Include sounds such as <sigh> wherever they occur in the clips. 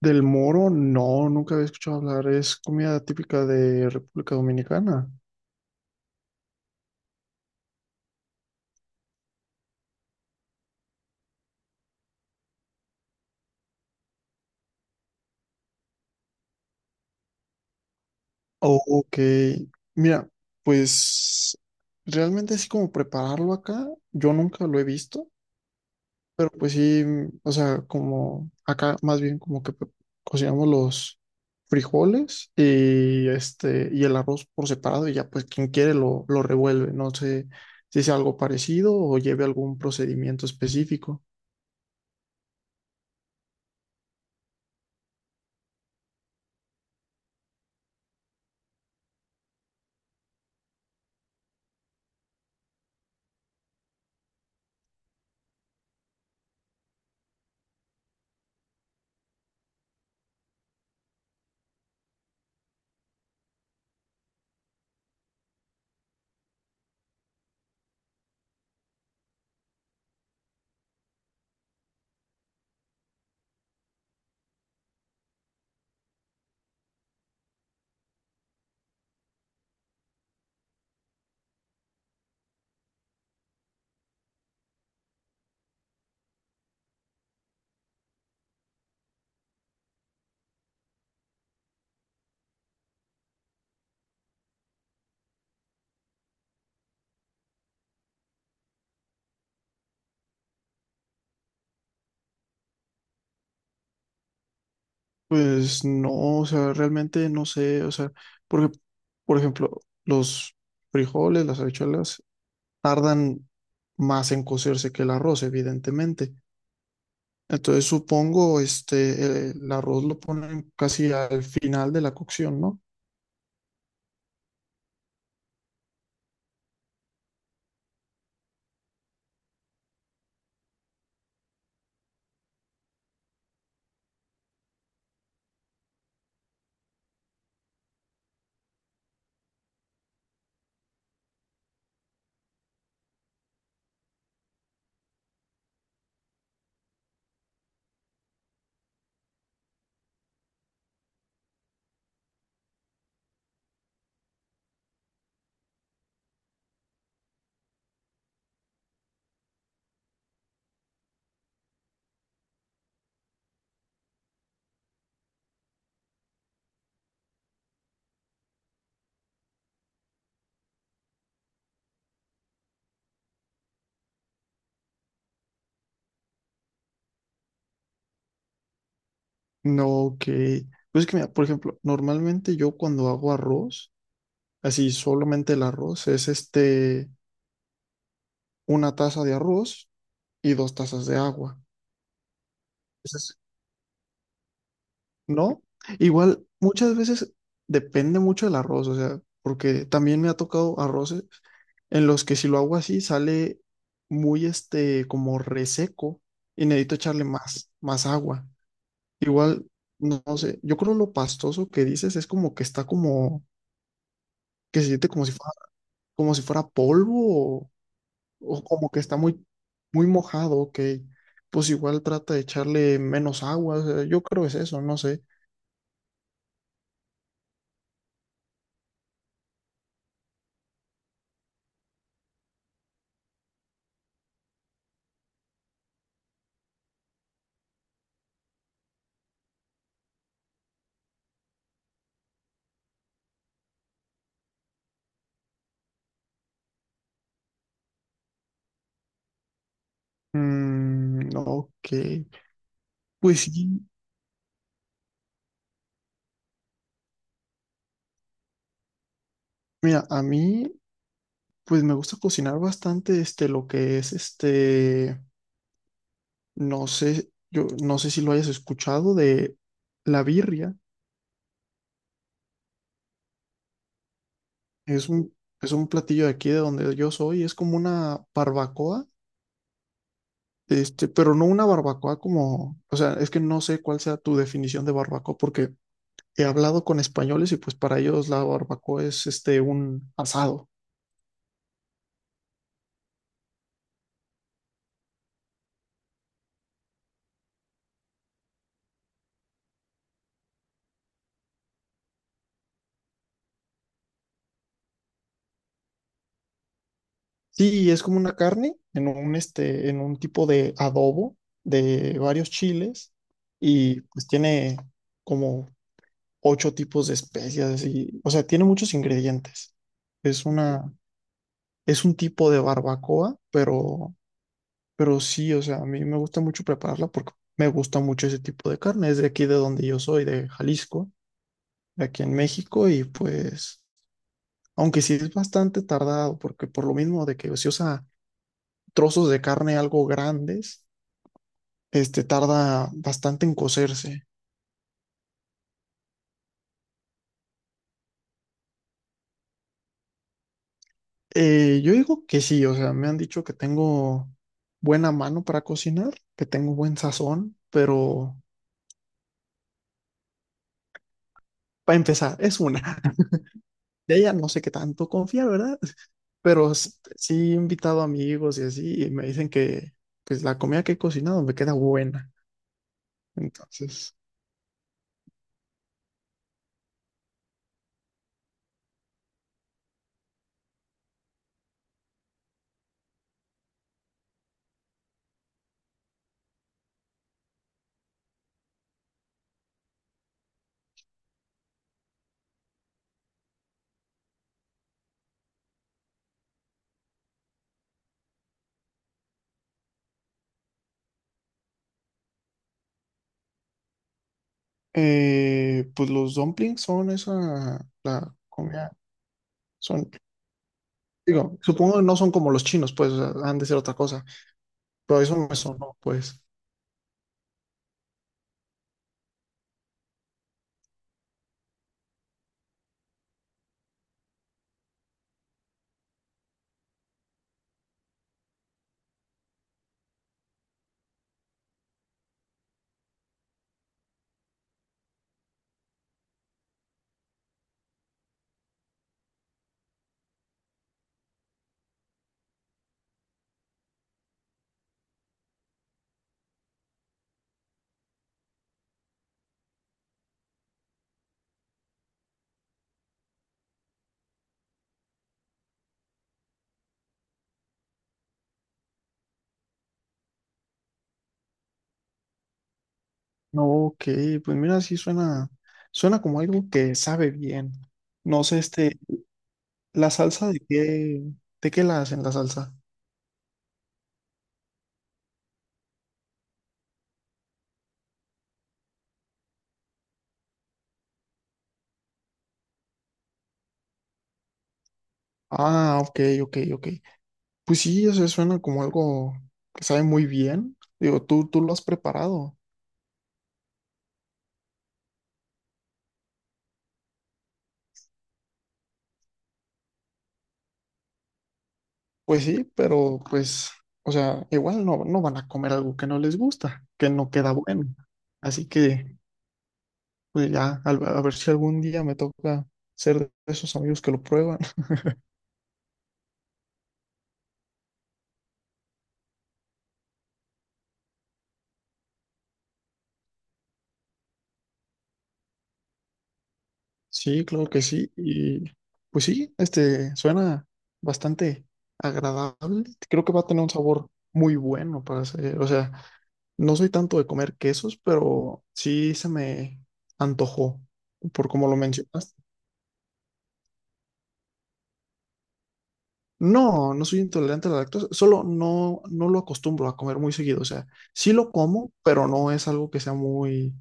Del moro, no, nunca había escuchado hablar. Es comida típica de República Dominicana. Oh, ok. Mira, pues realmente así como prepararlo acá, yo nunca lo he visto, pero pues sí, o sea, como acá más bien como que cocinamos los frijoles y el arroz por separado y ya pues quien quiere lo revuelve. No sé si es algo parecido o lleve algún procedimiento específico. Pues no, o sea, realmente no sé, o sea, porque, por ejemplo, los frijoles, las habichuelas, tardan más en cocerse que el arroz, evidentemente. Entonces supongo, el arroz lo ponen casi al final de la cocción, ¿no? No que, pues es que mira, por ejemplo, normalmente yo cuando hago arroz, así solamente el arroz, es una taza de arroz y 2 tazas de agua. No, igual muchas veces depende mucho del arroz, o sea, porque también me ha tocado arroces en los que si lo hago así sale muy como reseco y necesito echarle más agua. Igual, no, no sé, yo creo lo pastoso que dices es como que está como, que se siente como si fuera polvo o como que está muy, muy mojado, ok. Pues igual trata de echarle menos agua, o sea, yo creo que es eso, no sé. Mm, ok. Pues sí, mira, a mí pues me gusta cocinar bastante lo que es no sé, yo no sé si lo hayas escuchado de la birria, es un platillo de aquí de donde yo soy, es como una barbacoa, pero no una barbacoa como, o sea, es que no sé cuál sea tu definición de barbacoa porque he hablado con españoles y pues para ellos la barbacoa es un asado. Sí, es como una carne en un, en un tipo de adobo de varios chiles y pues tiene como ocho tipos de especias y, o sea, tiene muchos ingredientes. Es una, es un tipo de barbacoa, pero sí, o sea, a mí me gusta mucho prepararla porque me gusta mucho ese tipo de carne. Es de aquí de donde yo soy, de Jalisco, de aquí en México y pues, aunque sí es bastante tardado porque por lo mismo de que se usa trozos de carne algo grandes tarda bastante en cocerse. Yo digo que sí, o sea, me han dicho que tengo buena mano para cocinar, que tengo buen sazón, pero para empezar, es una. <laughs> De ella no sé qué tanto confiar, ¿verdad? Pero sí he invitado amigos y así, y me dicen que pues la comida que he cocinado me queda buena. Entonces, pues los dumplings son esa, la comida, son, digo, supongo que no son como los chinos, pues o sea, han de ser otra cosa. Pero eso me sonó, pues. No, ok, pues mira, sí suena como algo que sabe bien. No sé, la salsa de qué, la hacen la salsa. Ah, ok, ok, ok. Pues sí, eso suena como algo que sabe muy bien. Digo, tú lo has preparado. Pues sí, pero pues, o sea, igual no, no van a comer algo que no les gusta, que no queda bueno. Así que, pues ya, a ver si algún día me toca ser de esos amigos que lo prueban. Sí, claro que sí. Y pues sí, este suena bastante agradable. Creo que va a tener un sabor muy bueno para hacer. O sea, no soy tanto de comer quesos, pero sí se me antojó por como lo mencionaste. No, no soy intolerante a la lactosa, solo no, no lo acostumbro a comer muy seguido. O sea, sí lo como, pero no es algo que sea muy,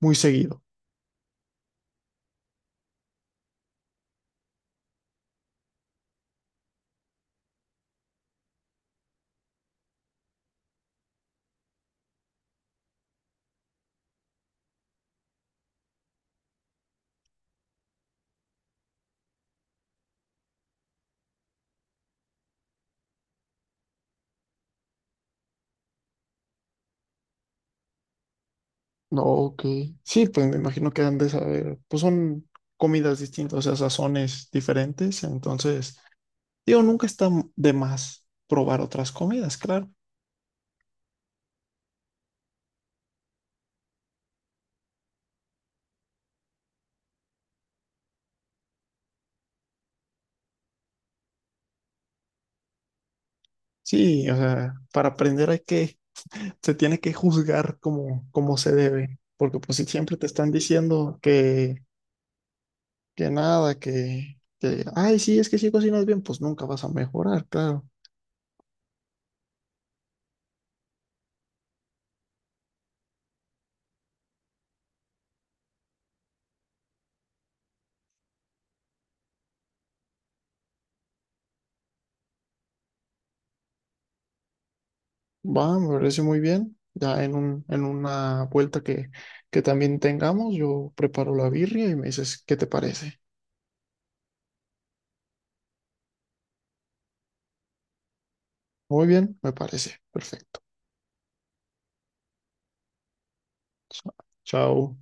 muy seguido. No, ok. Sí, pues me imagino que han de saber, pues son comidas distintas, o sea, sazones diferentes, entonces, digo, nunca está de más probar otras comidas, claro. Sí, o sea, para aprender hay que, se tiene que juzgar como se debe, porque pues si siempre te están diciendo que nada, ay, sí, es que si cocinas bien, pues nunca vas a mejorar, claro. Va, me parece muy bien. Ya en en una vuelta que también tengamos, yo preparo la birria y me dices qué te parece. Muy bien, me parece. Perfecto. Chao.